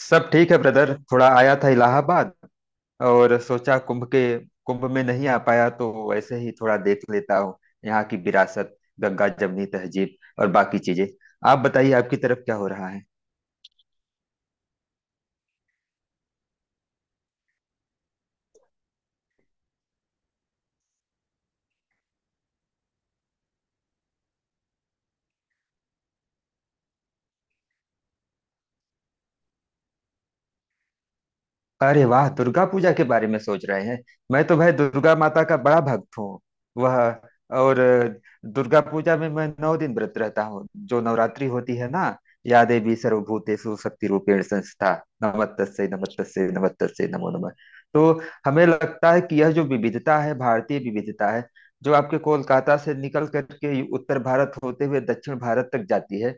सब ठीक है ब्रदर। थोड़ा आया था इलाहाबाद। और सोचा कुंभ में नहीं आ पाया, तो वैसे ही थोड़ा देख लेता हूँ यहाँ की विरासत, गंगा जमनी तहजीब और बाकी चीजें। आप बताइए, आपकी तरफ क्या हो रहा है। अरे वाह, दुर्गा पूजा के बारे में सोच रहे हैं। मैं तो भाई दुर्गा माता का बड़ा भक्त हूँ। वह, और दुर्गा पूजा में मैं 9 दिन व्रत रहता हूँ, जो नवरात्रि होती है ना। या देवी सर्वभूतेषु शक्ति रूपेण संस्था, नमस्तस्यै नमस्तस्यै नमस्तस्यै नमो नमः। तो हमें लगता है कि यह जो विविधता है, भारतीय विविधता है, जो आपके कोलकाता से निकल करके उत्तर भारत होते हुए दक्षिण भारत तक जाती है।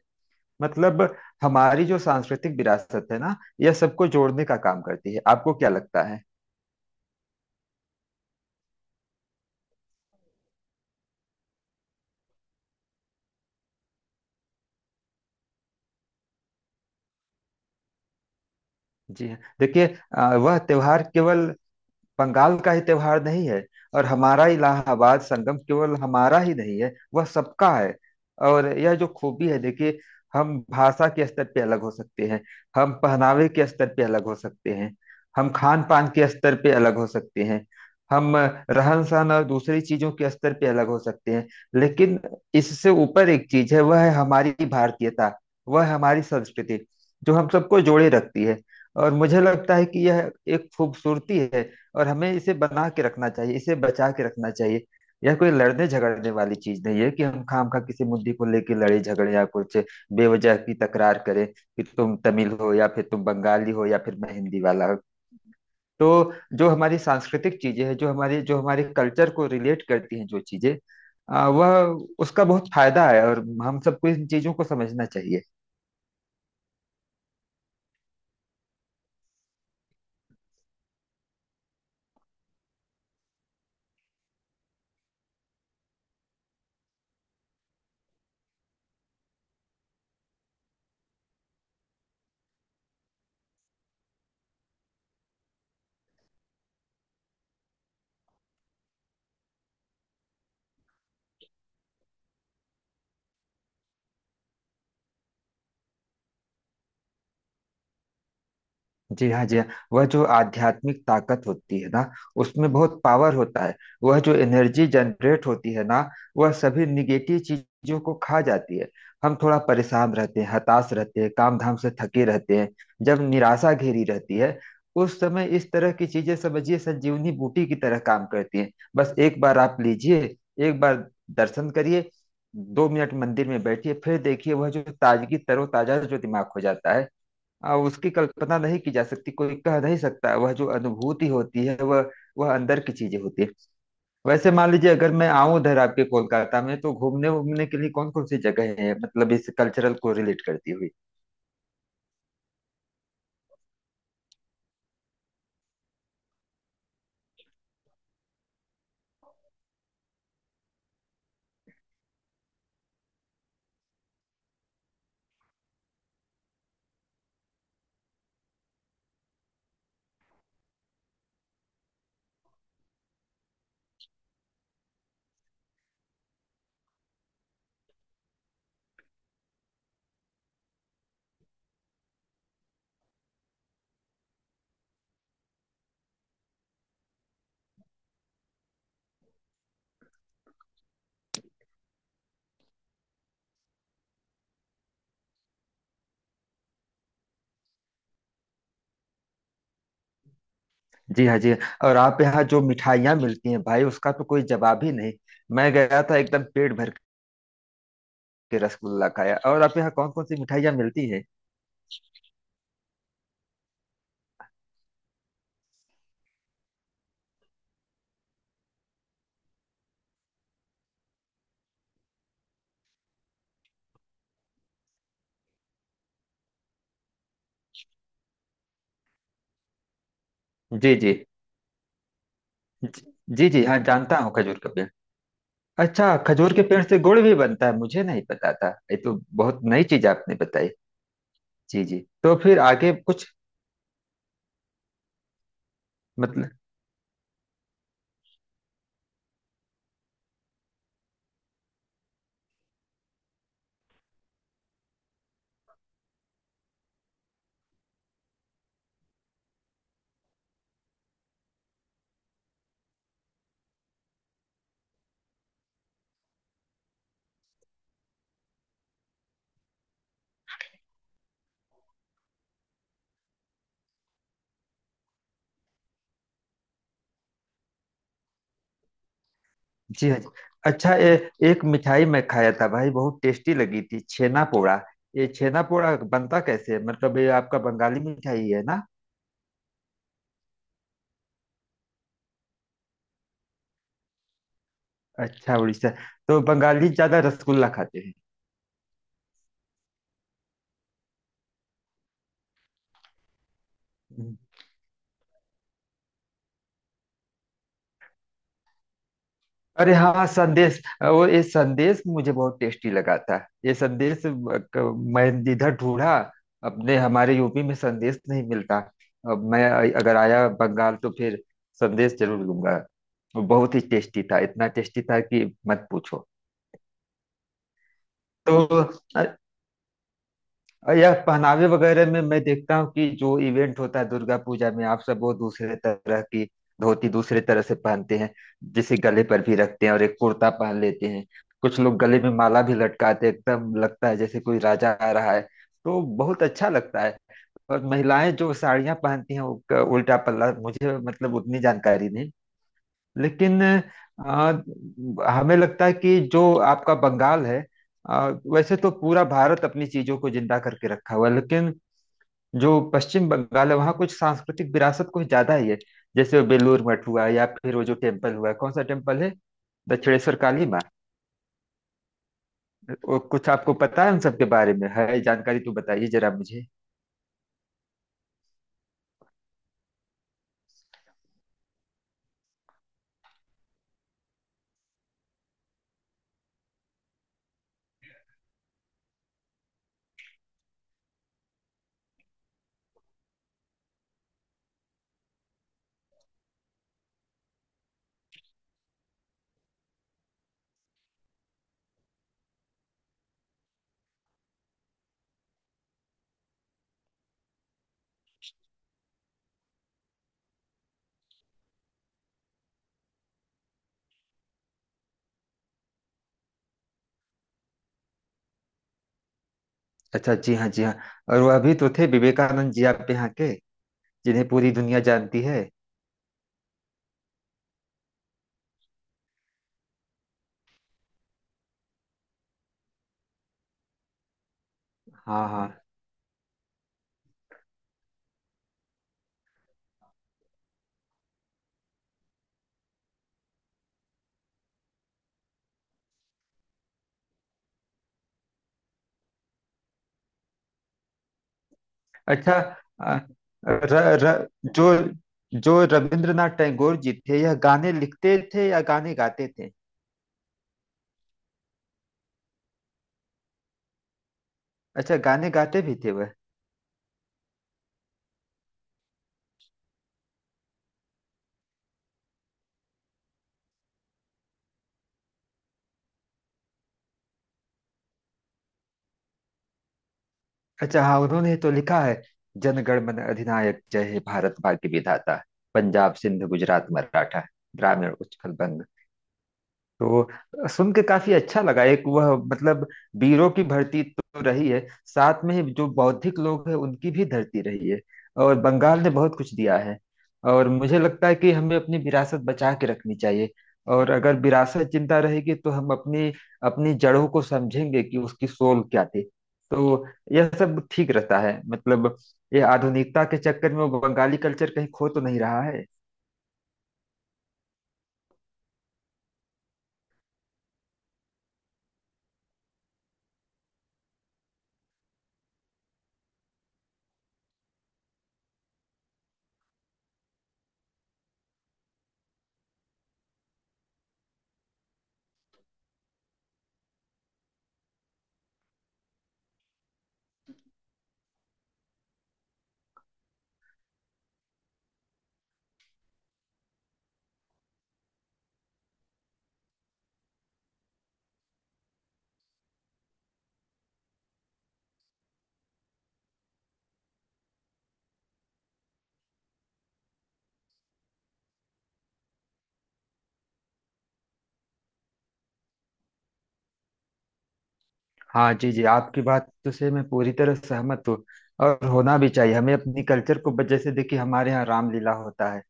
मतलब हमारी जो सांस्कृतिक विरासत है ना, यह सबको जोड़ने का काम करती है। आपको क्या लगता है? जी हाँ, देखिए। वह त्योहार केवल बंगाल का ही त्योहार नहीं है, और हमारा इलाहाबाद संगम केवल हमारा ही नहीं है, वह सबका है। और यह जो खूबी है, देखिए, हम भाषा के स्तर पे अलग हो सकते हैं, हम पहनावे के स्तर पे अलग हो सकते हैं, हम खान पान के स्तर पे अलग हो सकते हैं, हम रहन सहन और दूसरी चीजों के स्तर पे अलग हो सकते हैं, लेकिन इससे ऊपर एक चीज है, वह है हमारी भारतीयता, वह है हमारी संस्कृति, जो हम सबको जोड़े रखती है। और मुझे लगता है कि यह एक खूबसूरती है, और हमें इसे बना के रखना चाहिए, इसे बचा के रखना चाहिए। यह कोई लड़ने झगड़ने वाली चीज नहीं है कि हम खामखा किसी मुद्दे को लेके लड़े झगड़े या कुछ बेवजह की तकरार करें कि तुम तमिल हो या फिर तुम बंगाली हो या फिर मैं हिंदी वाला हूँ। तो जो हमारी सांस्कृतिक चीजें हैं, जो हमारे कल्चर को रिलेट करती हैं, जो चीजें, आ, वह उसका बहुत फायदा है, और हम सबको इन चीजों को समझना चाहिए। जी हाँ, जी हाँ। वह जो आध्यात्मिक ताकत होती है ना, उसमें बहुत पावर होता है। वह जो एनर्जी जनरेट होती है ना, वह सभी निगेटिव चीजों को खा जाती है। हम थोड़ा परेशान रहते हैं, हताश रहते हैं, काम धाम से थके रहते हैं। जब निराशा घेरी रहती है, उस समय इस तरह की चीजें समझिए संजीवनी बूटी की तरह काम करती हैं। बस एक बार आप लीजिए, एक बार दर्शन करिए, 2 मिनट मंदिर में बैठिए, फिर देखिए वह जो ताजगी, तरोताजा जो दिमाग हो जाता है, उसकी कल्पना नहीं की जा सकती, कोई कह नहीं सकता। वह जो अनुभूति होती है, वह अंदर की चीजें होती है। वैसे मान लीजिए, अगर मैं आऊं उधर आपके कोलकाता में, तो घूमने घूमने के लिए कौन कौन सी जगह है, मतलब इस कल्चरल को रिलेट करती हुई। जी हाँ, जी हाँ। और आप यहाँ जो मिठाइयाँ मिलती हैं भाई, उसका तो कोई जवाब ही नहीं। मैं गया था, एकदम पेट भर के रसगुल्ला खाया। और आप यहाँ कौन कौन सी मिठाइयाँ मिलती है? जी, जी, जी, जी, जी हाँ, जानता हूँ खजूर का पेड़। अच्छा, खजूर के पेड़ से गुड़ भी बनता है? मुझे नहीं पता था, ये तो बहुत नई चीज आपने बताई। जी जी, तो फिर आगे कुछ? मतलब। जी हाँ, जी। अच्छा, एक मिठाई मैं खाया था भाई, बहुत टेस्टी लगी थी, छेना पोड़ा। ये छेना पोड़ा बनता कैसे है? मतलब ये आपका बंगाली मिठाई है ना? अच्छा, उड़ीसा। तो बंगाली ज्यादा रसगुल्ला खाते हैं? अरे हाँ, संदेश, वो ये संदेश मुझे बहुत टेस्टी लगा था। ये संदेश मैं इधर ढूंढा, अपने हमारे यूपी में संदेश नहीं मिलता। अब मैं, अगर आया बंगाल, तो फिर संदेश जरूर लूंगा। वो बहुत ही टेस्टी था, इतना टेस्टी था कि मत पूछो। तो और यह पहनावे वगैरह में मैं देखता हूँ कि जो इवेंट होता है दुर्गा पूजा में, आप सब वो दूसरे तरह की धोती दूसरे तरह से पहनते हैं, जिसे गले पर भी रखते हैं, और एक कुर्ता पहन लेते हैं। कुछ लोग गले में माला भी लटकाते हैं, एकदम लगता है जैसे कोई राजा आ रहा है, तो बहुत अच्छा लगता है। और महिलाएं जो साड़ियां पहनती हैं, उनका उल्टा पल्ला, मुझे मतलब उतनी जानकारी नहीं, लेकिन आ, हमें लगता है कि जो आपका बंगाल है, आ, वैसे तो पूरा भारत अपनी चीजों को जिंदा करके रखा हुआ है, लेकिन जो पश्चिम बंगाल है, वहाँ कुछ सांस्कृतिक विरासत कुछ ज्यादा ही है। जैसे बेलूर मठ हुआ, या फिर वो जो टेम्पल हुआ, कौन सा टेम्पल है, दक्षिणेश्वर काली माँ। वो कुछ आपको पता है उन सब के बारे में है जानकारी? तो बताइए जरा मुझे। अच्छा, जी हाँ, जी हाँ। और वह भी तो थे विवेकानंद जी आप यहाँ के, जिन्हें पूरी दुनिया जानती है। हाँ हाँ। अच्छा। अ, र, र, जो जो रविंद्रनाथ टैगोर जी थे, यह गाने लिखते थे या गाने गाते थे? अच्छा, गाने गाते भी थे वह? अच्छा हाँ, उन्होंने तो लिखा है, जनगण मन अधिनायक जय हे भारत भाग्य विधाता, पंजाब सिंध गुजरात मराठा, ग्रामीण उत्कल बंग। तो सुन के काफी अच्छा लगा। एक वह मतलब, वीरों की धरती तो रही है, साथ में ही जो बौद्धिक लोग हैं उनकी भी धरती रही है। और बंगाल ने बहुत कुछ दिया है। और मुझे लगता है कि हमें अपनी विरासत बचा के रखनी चाहिए, और अगर विरासत जिंदा रहेगी तो हम अपनी अपनी जड़ों को समझेंगे कि उसकी सोल क्या थी। तो यह सब ठीक रहता है, मतलब ये आधुनिकता के चक्कर में वो बंगाली कल्चर कहीं खो तो नहीं रहा है? हाँ जी जी, आपकी बात तो से मैं पूरी तरह सहमत हूँ, और होना भी चाहिए। हमें अपनी कल्चर को जैसे देखिए, हमारे यहाँ रामलीला होता है,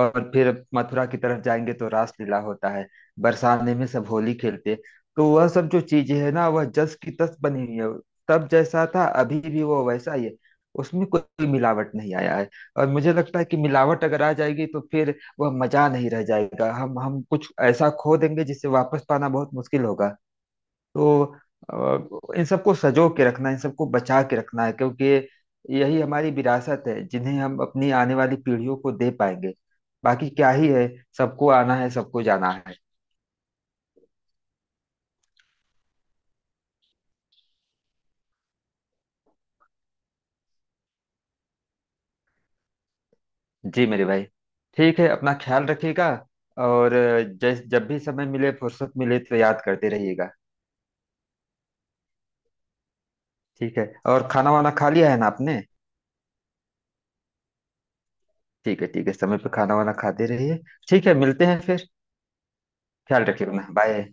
और फिर मथुरा की तरफ जाएंगे तो रासलीला होता है, बरसाने में सब होली खेलते हैं। तो वह सब जो चीजें है ना, वह जस की तस बनी हुई है। तब जैसा था, अभी भी वो वैसा ही है, उसमें कोई मिलावट नहीं आया है। और मुझे लगता है कि मिलावट अगर आ जाएगी, तो फिर वह मजा नहीं रह जाएगा, हम कुछ ऐसा खो देंगे जिसे वापस पाना बहुत मुश्किल होगा। तो इन सबको सजो के रखना, इन सबको बचा के रखना है, क्योंकि यही हमारी विरासत है, जिन्हें हम अपनी आने वाली पीढ़ियों को दे पाएंगे। बाकी क्या ही है, सबको आना है सबको जाना है। जी मेरे भाई, ठीक है, अपना ख्याल रखिएगा। और जैस जब भी समय मिले, फुर्सत मिले, तो याद करते रहिएगा। ठीक है। और खाना वाना खा लिया है ना आपने? ठीक है, ठीक है, समय पे खाना वाना खाते रहिए। ठीक है, मिलते हैं फिर। ख्याल रखिए अपना, बाय।